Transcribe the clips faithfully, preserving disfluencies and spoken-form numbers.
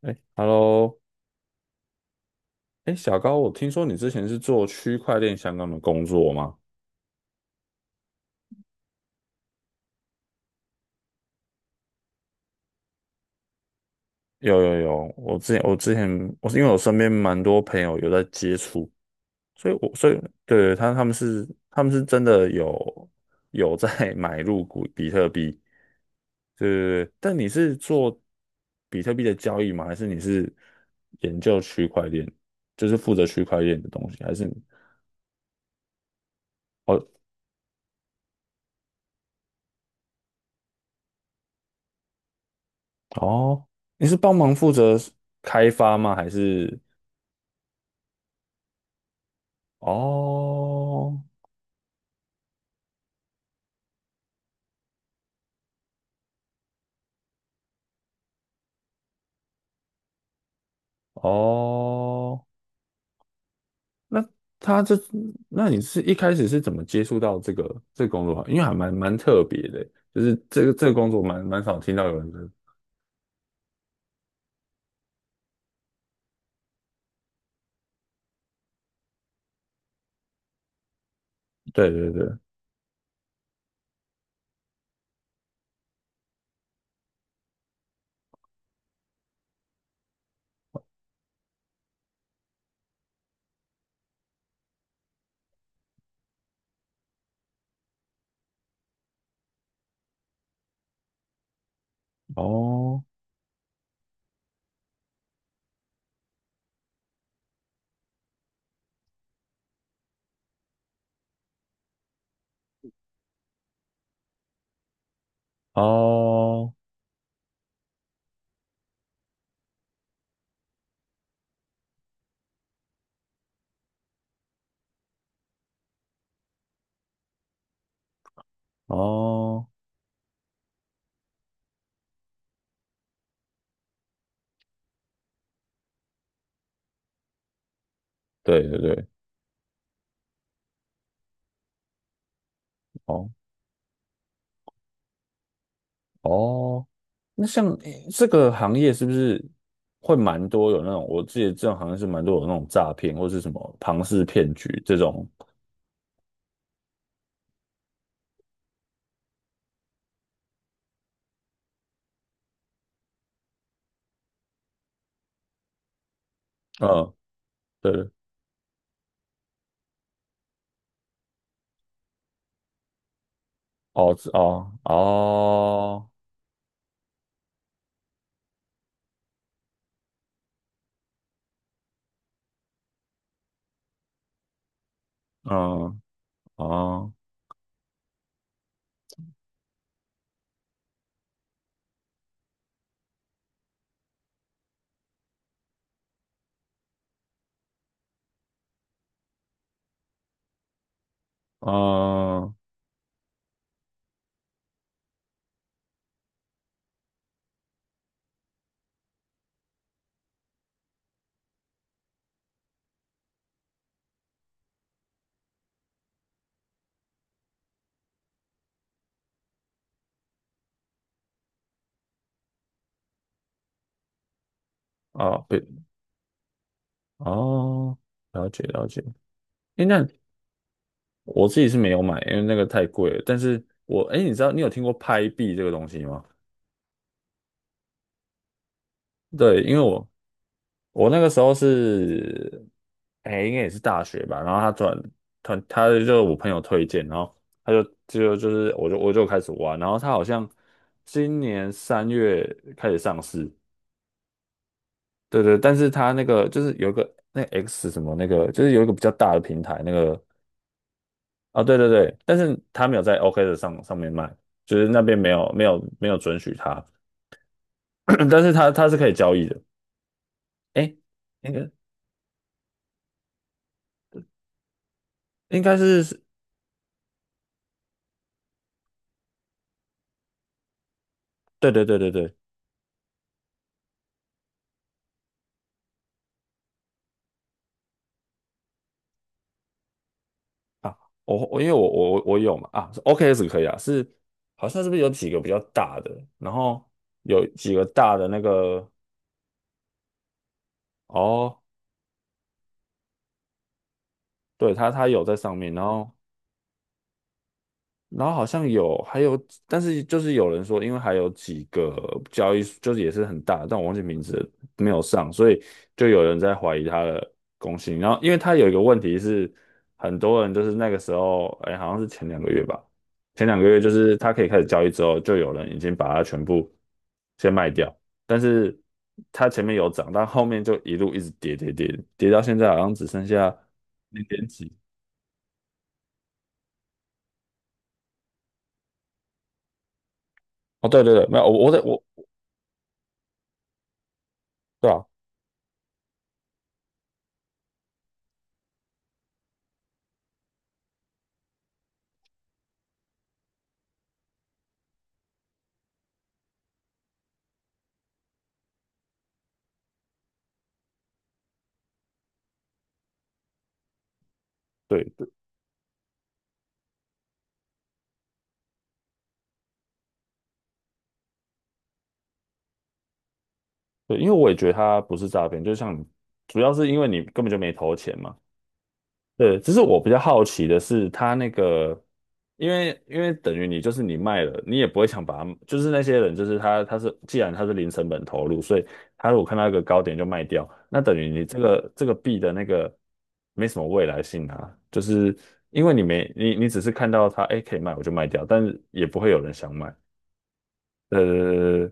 哎，Hello，哎，小高，我听说你之前是做区块链相关的工作吗？有有有，我之前我之前我是因为我身边蛮多朋友有在接触，所以我所以对对，他他们是他们是真的有有在 买入股比特币，对对对。但你是做比特币的交易吗？还是你是研究区块链，就是负责区块链的东西？还是你哦哦，你是帮忙负责开发吗？还是？哦哦，那他这，那你是一开始是怎么接触到这个这个工作啊？因为还蛮蛮特别的，就是这个这个工作蛮蛮少听到有人的对对对，哦哦哦，对对对，哦哦，那像诶这个行业是不是会蛮多有那种？我记得这种行业是蛮多有那种诈骗或是什么庞氏骗局这种。嗯，对。哦，哦，哦，嗯，哦，哦，哦，对，哦，了解了解。诶，那我自己是没有买，因为那个太贵了。但是我，诶，你知道你有听过拍币这个东西吗？对，因为我我那个时候是，哎，应该也是大学吧。然后他转他他就是我朋友推荐，然后他就就就是我就我就开始玩，然后他好像今年三月开始上市，对对，但是它那个就是有一个那个 X 什么那个，就是有一个比较大的平台那个啊，对对对，但是它没有在 OK 的上上面卖，就是那边没有没有没有准许它，但是它它是可以交易的。哎，应该应该是，对对对对对啊，我我因为我我我有嘛啊是 o k s 可以啊，是好像是不是有几个比较大的，然后有几个大的那个哦，对它它有在上面，然后然后好像有，还有，但是就是有人说，因为还有几个交易，就是也是很大，但我忘记名字了没有上，所以就有人在怀疑他的公信力然后，因为他有一个问题是，很多人就是那个时候，哎，好像是前两个月吧，前两个月就是他可以开始交易之后，就有人已经把它全部先卖掉，但是它前面有涨，但后面就一路一直跌跌跌，跌到现在好像只剩下零点几。哦，对对对，没有，我我在我对啊。对。对，因为我也觉得它不是诈骗，就像你主要是因为你根本就没投钱嘛。对，只是我比较好奇的是，它那个，因为因为等于你就是你卖了，你也不会想把它，就是那些人，就是他他是既然他是零成本投入，所以他如果看到一个高点就卖掉，那等于你这个这个币的那个没什么未来性啊，就是因为你没你你只是看到它，哎，可以卖我就卖掉，但是也不会有人想买。呃，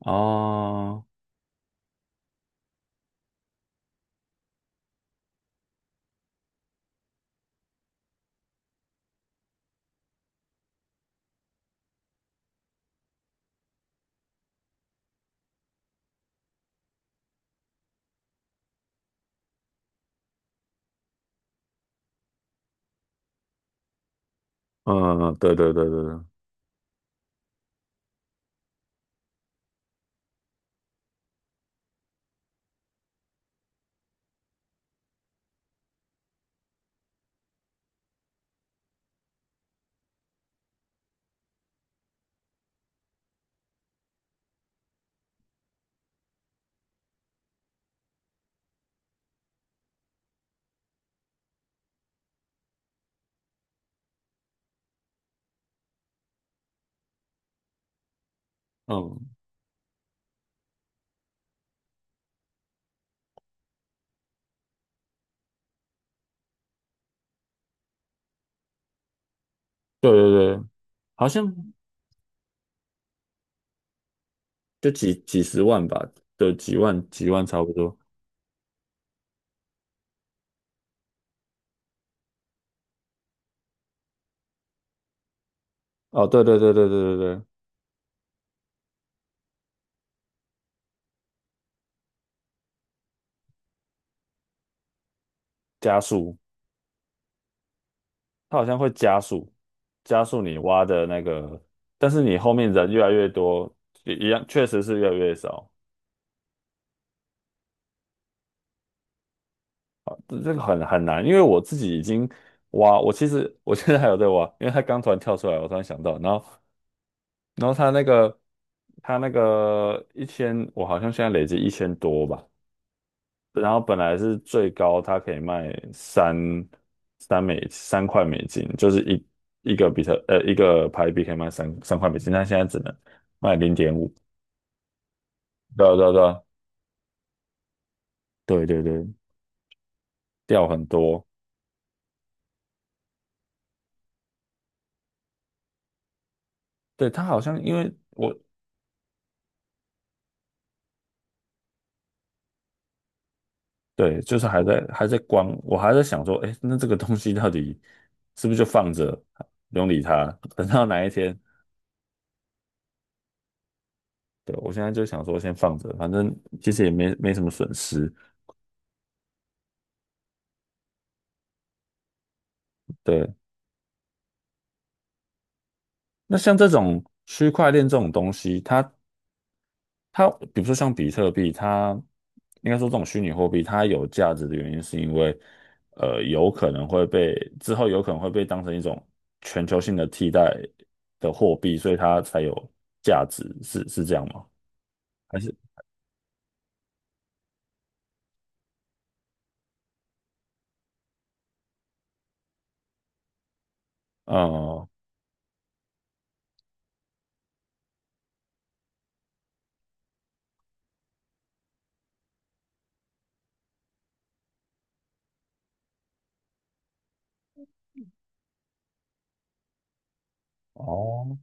哦，嗯，对对对对对。嗯，对对对，好像就几几十万吧，的几万几万差不多。哦，对对对对对对对，加速，它好像会加速，加速你挖的那个，但是你后面人越来越多，也一样，确实是越来越少。这这个很很难，因为我自己已经挖，我其实我现在还有在挖，因为它刚突然跳出来，我突然想到，然后然后它那个它那个一千，我好像现在累积一千多吧。然后本来是最高它可以卖三三美三块美金，就是一一个比特呃一个牌币可以卖三三块美金，但现在只能卖零点五。对啊对啊对啊对对对，掉很多。对，它好像因为我对，就是还在还在观，我还在想说，哎，那这个东西到底是不是就放着，不用理它，等到哪一天？对，我现在就想说先放着，反正其实也没没什么损失。对，那像这种区块链这种东西，它它比如说像比特币，它应该说这种虚拟货币，它有价值的原因是因为，呃，有可能会被之后有可能会被当成一种全球性的替代的货币，所以它才有价值，是是这样吗？还是呃哦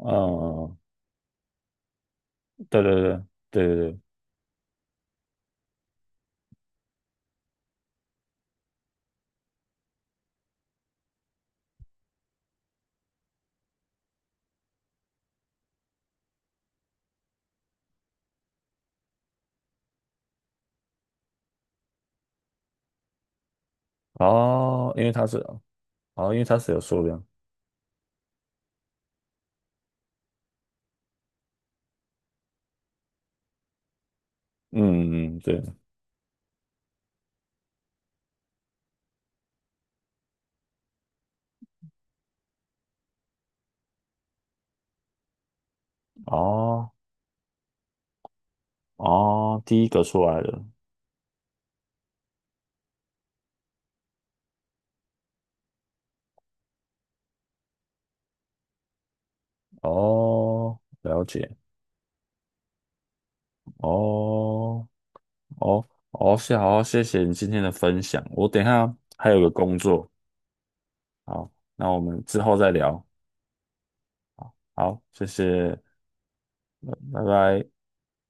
呃对对对对对对哦，因为它是哦，因为它是有数量，嗯嗯嗯对哦哦，第一个出来的。哦，了解，哦，哦，哦，谢，好，谢谢你今天的分享。我等一下还有个工作，好，那我们之后再聊。好，谢谢，拜拜。